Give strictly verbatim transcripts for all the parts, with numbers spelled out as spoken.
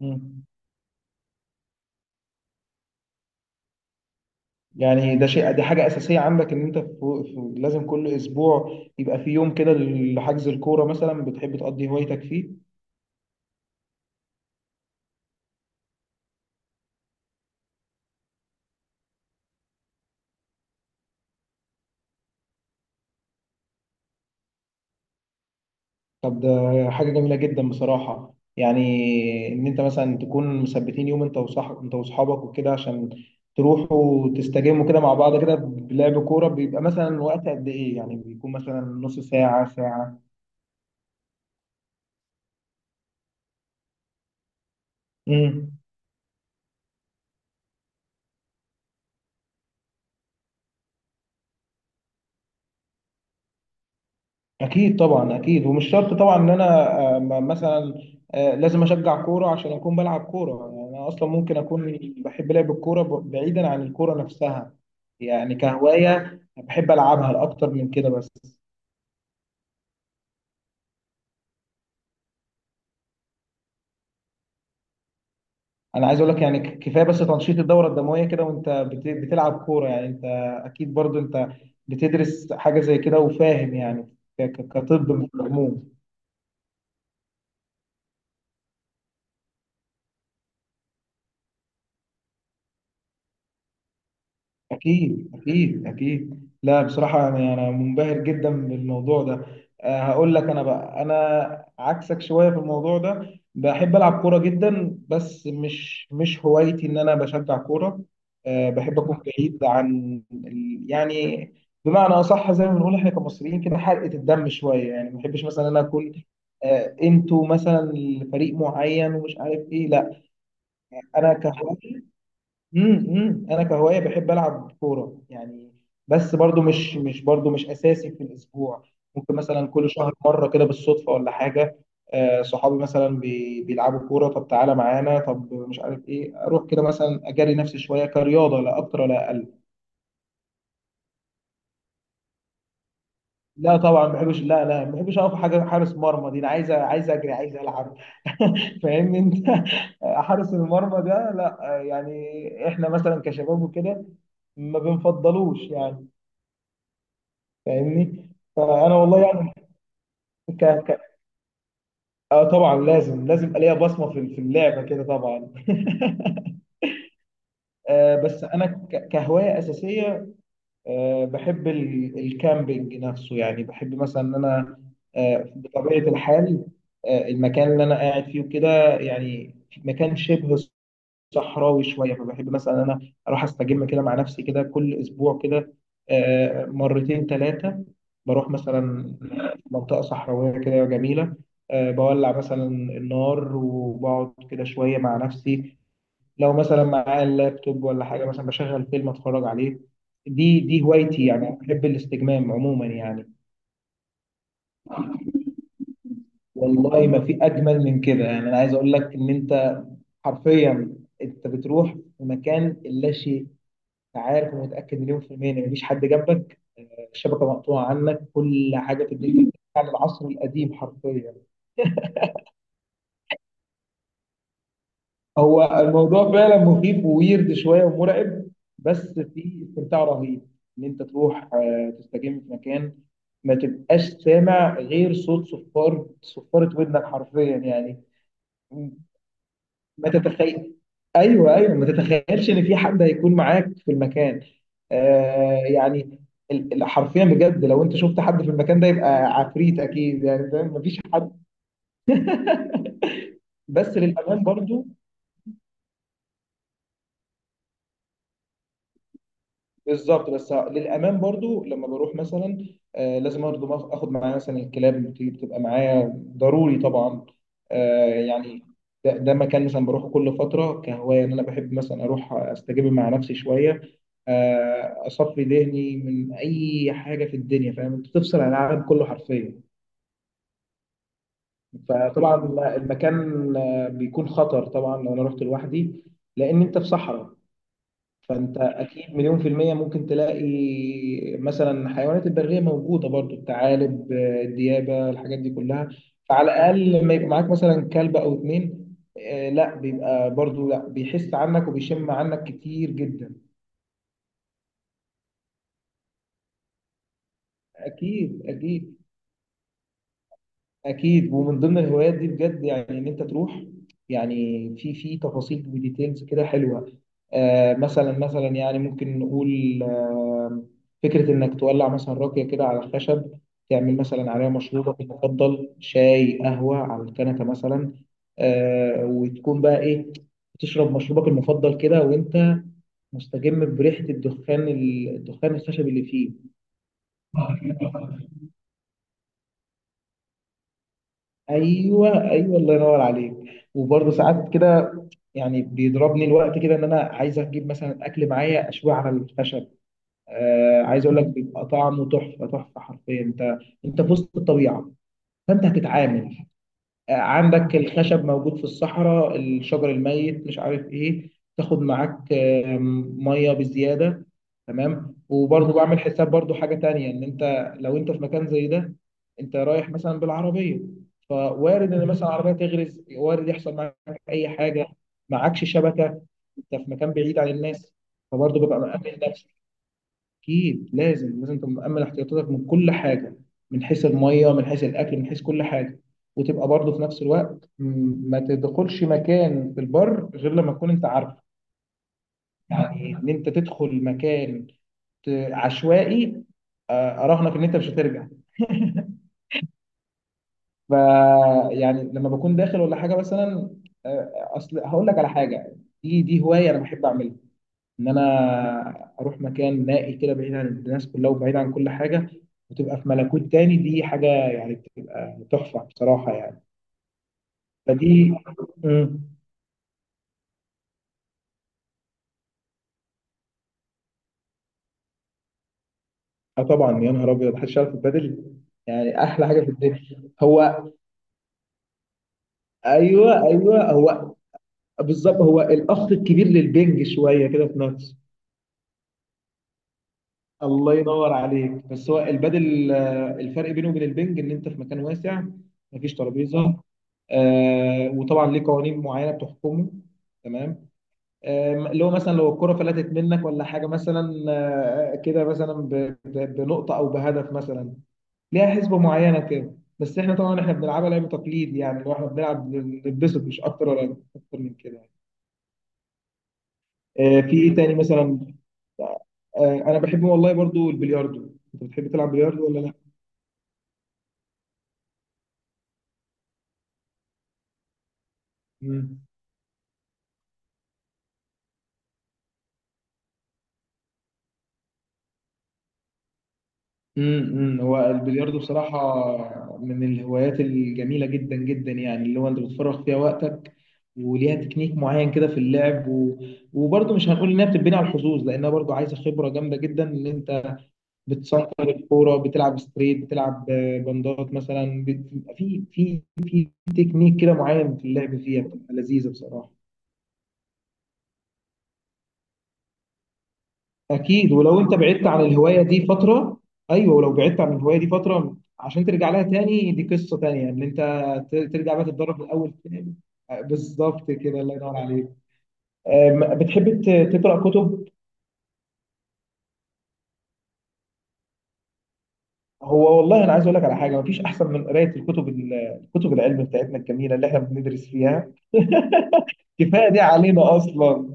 مم. يعني ده شيء دي حاجة أساسية عندك إن أنت في في- لازم كل أسبوع يبقى في يوم كده لحجز الكورة مثلا. بتحب تقضي هوايتك فيه؟ طب ده حاجة جميلة جدا بصراحة، يعني إن أنت مثلا تكون مثبتين يوم، أنت وصح أنت وأصحابك وكده، عشان تروحوا تستجموا كده مع بعض كده بلعب كورة. بيبقى مثلا وقت قد إيه؟ يعني بيكون مثلا نص ساعة ساعة. مم. اكيد طبعا اكيد. ومش شرط طبعا ان انا آه، م- مثلا آه، لازم اشجع كوره عشان اكون بلعب كوره. يعني انا اصلا ممكن اكون بحب لعب الكوره ب- بعيدا عن الكوره نفسها. يعني كهوايه بحب العبها لاكتر من كده بس. انا عايز اقول لك يعني ك- كفايه بس تنشيط الدوره الدمويه كده وانت بت- بتلعب كوره. يعني انت اكيد برضو انت بتدرس حاجه زي كده وفاهم يعني، ك- ك- كطب في العموم. أكيد أكيد أكيد. لا بصراحة، يعني أنا منبهر جدا بالموضوع ده. أه هقول لك، أنا بقى أنا عكسك شوية في الموضوع ده. بحب ألعب كورة جدا بس مش مش هوايتي إن أنا بشجع كورة. أه بحب أكون بعيد عن ال- يعني، بمعنى أصح زي ما بنقول إحنا كمصريين كده، حرقة الدم شوية. يعني ما بحبش مثلا أنا أكون، أه أنتوا مثلا فريق معين ومش عارف إيه، لا. أنا كهواية، امم امم. انا كهوايه بحب العب كوره، يعني بس برضو مش مش برضو مش اساسي في الاسبوع. ممكن مثلا كل شهر مره كده بالصدفه ولا حاجه. آه، صحابي مثلا بي- بيلعبوا كوره، طب تعالى معانا، طب مش عارف ايه، اروح كده مثلا، اجري نفسي شويه كرياضه، لا اكتر ولا اقل. لا طبعا ما بحبش، لا لا ما بحبش اقف حاجه حارس مرمى دي. انا عايز، عايز اجري، عايز العب. فاهمني انت. حارس المرمى ده لا، آه، يعني احنا مثلا كشباب وكده ما بنفضلوش يعني. فاهمني. فانا والله يعني ك... ك... آه طبعا، لازم لازم أبقى ليا بصمه في في اللعبه كده طبعا. آه بس انا ك- كهوايه اساسيه، آه بحب ال- الكامبينج نفسه. يعني بحب مثلا ان انا آه بطبيعه الحال آه المكان اللي انا قاعد فيه وكده يعني، مكان شبه صحراوي شويه. فبحب مثلا انا اروح استجم كده مع نفسي كده كل اسبوع كده، آه، مرتين ثلاثه. بروح مثلا منطقه صحراويه كده جميله، آه، بولع مثلا النار وبقعد كده شويه مع نفسي. لو مثلا معايا اللابتوب ولا حاجه، مثلا بشغل فيلم اتفرج عليه. دي دي هوايتي. يعني بحب الاستجمام عموما يعني. والله ما في اجمل من كده. يعني انا عايز اقول لك، ان انت حرفيا انت بتروح في مكان لا شيء. أنا عارف ومتأكد مليون في المية إن مفيش حد جنبك، آه، الشبكة مقطوعة عنك، كل حاجة في الدنيا. بترجع للعصر القديم حرفيا. هو الموضوع فعلا مخيف وويرد شوية ومرعب، بس في استمتاع رهيب إن أنت تروح آه، تستجم في مكان ما تبقاش سامع غير صوت صفار صفارة ودنك حرفيا يعني. ما تتخيل. ايوه ايوه، ما تتخيلش ان في حد هيكون معاك في المكان. آه يعني ال- ال- حرفيا بجد، لو انت شفت حد في المكان ده يبقى عفريت اكيد، يعني فاهم، مفيش حد. بس للامان برضو. بالظبط، بس للامان برضو لما بروح مثلا، آه لازم برضو ما- اخد معايا مثلا الكلاب اللي بتبقى معايا ضروري طبعا. آه يعني ده, ده مكان مثلا بروحه كل فتره كهوايه. ان انا بحب مثلا اروح استجيب مع نفسي شويه، آه اصفي ذهني من اي حاجه في الدنيا. فاهم انت بتفصل عن العالم كله حرفيا. فطبعا المكان آه، بيكون خطر طبعا لو انا رحت لوحدي، لان انت في صحراء. فانت اكيد مليون في المية ممكن تلاقي مثلا حيوانات البرية موجودة برضو، الثعالب آه، الديابة، الحاجات دي كلها. فعلى الاقل لما يبقى معاك مثلا كلب او اتنين، آه، لا بيبقى برضو، لا بيحس عنك وبيشم عنك كتير جدا. اكيد اكيد اكيد. ومن ضمن الهوايات دي بجد، يعني ان انت تروح، يعني في في تفاصيل وديتيلز كده حلوه. آه مثلا مثلا، يعني ممكن نقول، آه فكره انك تولع مثلا راكيه كده على الخشب، تعمل مثلا عليها مشروبك المفضل، شاي قهوه على الكنكه مثلا. آه وتكون بقى ايه، تشرب مشروبك المفضل كده وانت مستجم بريحه الدخان الدخان الخشب اللي فيه. ايوه ايوه، الله ينور عليك. وبرضه ساعات كده، يعني بيضربني الوقت كده ان انا عايز اجيب مثلا اكل معايا، اشويه على الخشب. آه عايز اقول لك، بيبقى طعمه تحفه تحفه حرفيا. انت انت في وسط الطبيعه، فانت هتتعامل، آه، عندك الخشب موجود في الصحراء، الشجر الميت، مش عارف ايه. تاخد معاك آم، ميه بزياده. تمام، وبرضه بعمل حساب، برضه حاجه تانية، ان انت لو انت في مكان زي ده، انت رايح مثلا بالعربيه. فوارد ان مثلا العربيه تغرز، وارد يحصل معاك اي حاجه، معكش شبكه، انت في مكان بعيد عن الناس. فبرضه ببقى مأمن نفسي. اكيد لازم لازم تبقى مأمن احتياطاتك من كل حاجه، من حيث الميه، من حيث الاكل، من حيث كل حاجه. وتبقى برضه في نفس الوقت، م- ما تدخلش مكان في البر غير لما تكون انت عارفه. يعني ان انت تدخل مكان ت- عشوائي، آه، اراهنك ان انت مش هترجع. ف يعني لما بكون داخل ولا حاجه مثلا، آه، اصل هقول لك على حاجه. دي دي هوايه انا بحب اعملها، ان انا اروح مكان نائي كده بعيد عن الناس كلها وبعيد عن كل حاجه. وتبقى في ملكوت تاني. دي حاجه يعني بتبقى تحفه بصراحه يعني. فدي. مم. اه طبعا، يا نهار ابيض، محدش يعرف البدل. يعني احلى حاجه في الدنيا. هو ايوه ايوه. هو بالظبط هو الاخ الكبير للبنج شويه كده في نفسه. الله ينور عليك، بس هو البادل، آه، الفرق بينه وبين البنج ان انت في مكان واسع، مفيش ترابيزه. آه وطبعا ليه قوانين معينه بتحكمه. تمام. آه اللي هو مثلا لو الكره فلتت منك ولا حاجه مثلا، آه كده مثلا ب- ب- بنقطه او بهدف مثلا، ليها حسبه معينه كده. بس احنا طبعا احنا بنلعبها لعب تقليد، يعني لو احنا بنلعب نتبسط، مش اكتر ولا اكتر من كده. آه في ايه تاني مثلا؟ آه آه، انا بحب والله برضو البلياردو. انت بتحب تلعب بلياردو ولا لا؟ مم. مم. مم. هو البلياردو بصراحة من الهوايات الجميلة جدا جدا، يعني اللي هو انت بتفرغ فيها وقتك، وليها تكنيك معين كده في اللعب و... وبرضه مش هنقول انها بتتبني على الحظوظ، لانها برضه عايزة خبرة جامدة جدا، ان انت بتصنطر الكورة، بتلعب ستريت، بتلعب آه، بندات مثلا بت... في في في تكنيك كده معين في اللعب فيها، بتبقى لذيذة بصراحة. اكيد. ولو انت بعدت عن الهوايه دي فتره، ايوه ولو بعدت عن الهوايه دي فتره عشان ترجع لها تاني، دي قصه تانيه ان انت ت- ترجع بقى تتدرب من الاول تاني. آه، بالظبط كده، الله ينور عليك. آم، بتحب ت- تقرا كتب؟ هو والله انا عايز اقول لك على حاجه، مفيش احسن من قرايه الكتب، ال- الكتب العلم بتاعتنا الجميله اللي احنا بندرس فيها. كفايه دي علينا اصلا.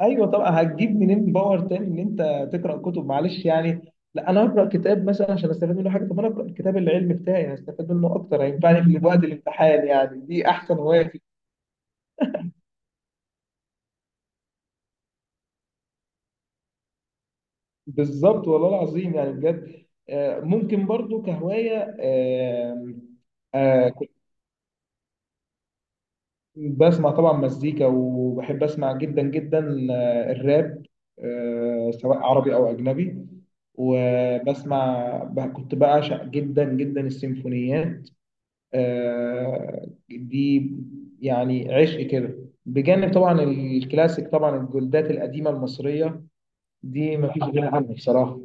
ايوه طبعا، هتجيب منين باور تاني ان انت تقرا كتب؟ معلش، يعني لا انا هقرا كتاب مثلا عشان استفاد منه حاجه؟ طب انا اقرا الكتاب العلمي بتاعي، هستفاد منه اكتر، هينفعني في وقت الامتحان، يعني دي احسن هوايه فيه. بالظبط والله العظيم، يعني بجد آه، ممكن برضو كهوايه، آه، آه، كنت بسمع طبعا مزيكا، وبحب اسمع جدا جدا آه، الراب، آه، سواء عربي او اجنبي. وبسمع ب- كنت بعشق جدا جدا السيمفونيات. آه، دي يعني عشق كده، بجانب طبعا الكلاسيك، طبعا الجلدات القديمه المصريه دي ما فيش غنى عنها. بصراحه.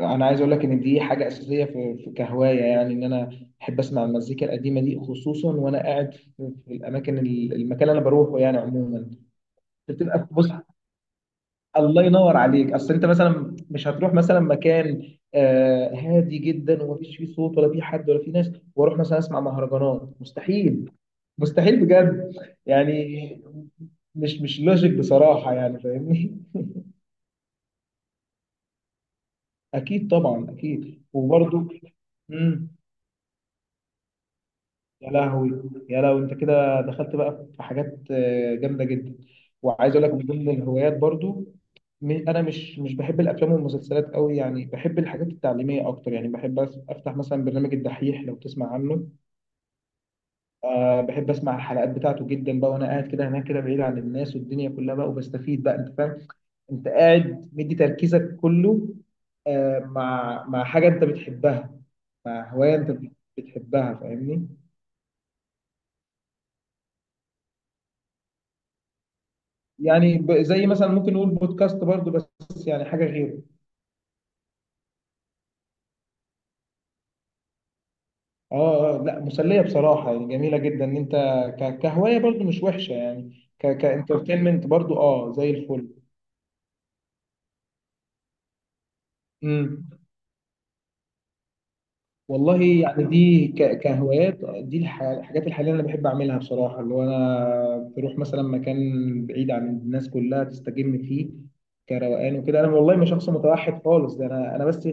انا عايز اقول لك ان دي حاجه اساسيه في في كهوايه، يعني ان انا احب اسمع المزيكا القديمه دي، خصوصا وانا قاعد في في الاماكن، ال- المكان اللي انا بروحه يعني عموما. بتبقى بص، الله ينور عليك، اصل انت مثلا مش هتروح مثلا مكان آه، هادي جدا ومفيش فيه صوت ولا فيه حد ولا فيه ناس، واروح مثلا اسمع مهرجانات؟ مستحيل. مستحيل بجد. يعني مش مش لوجيك بصراحة، يعني فاهمني. اكيد طبعا اكيد، وبرضه. يا لهوي، يا لهوي، انت كده دخلت بقى في حاجات آه، جامده جدا. وعايز اقول لك، من ضمن الهوايات برضو، م- انا مش مش بحب الافلام والمسلسلات قوي، يعني بحب الحاجات التعليميه اكتر. يعني بحب أس- افتح مثلا برنامج الدحيح، لو تسمع عنه. أه بحب اسمع الحلقات بتاعته جدا بقى، وانا قاعد كده هناك كده بعيد عن الناس والدنيا كلها بقى، وبستفيد بقى. انت فاهم، انت قاعد مدي تركيزك كله آه، مع مع حاجه انت بتحبها، مع هوايه انت بتحبها، فاهمني. يعني ب- زي مثلا ممكن نقول بودكاست برضو، بس يعني حاجه غيره. اه، آه، لا مسليه بصراحه، يعني جميله جدا ان انت، ك- كهوايه برضو مش وحشه. يعني ك كانترتينمنت برضو اه زي الفل. امم والله يعني دي ك- كهوايات، دي الح- الحاجات الحالية اللي أنا بحب أعملها بصراحة. اللي هو أنا بروح مثلا مكان بعيد عن الناس كلها، تستجم فيه كروقان وكده. أنا والله مش شخص متوحد خالص، ده أنا أنا بس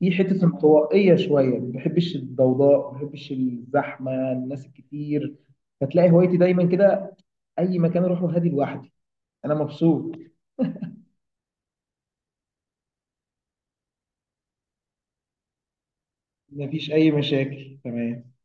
في حتة انطوائية شوية. ما بحبش الضوضاء، ما بحبش الزحمة الناس الكتير. فتلاقي هوايتي دايما كده، أي مكان أروحه هادي لوحدي، أنا مبسوط. مفيش أي مشاكل. تمام.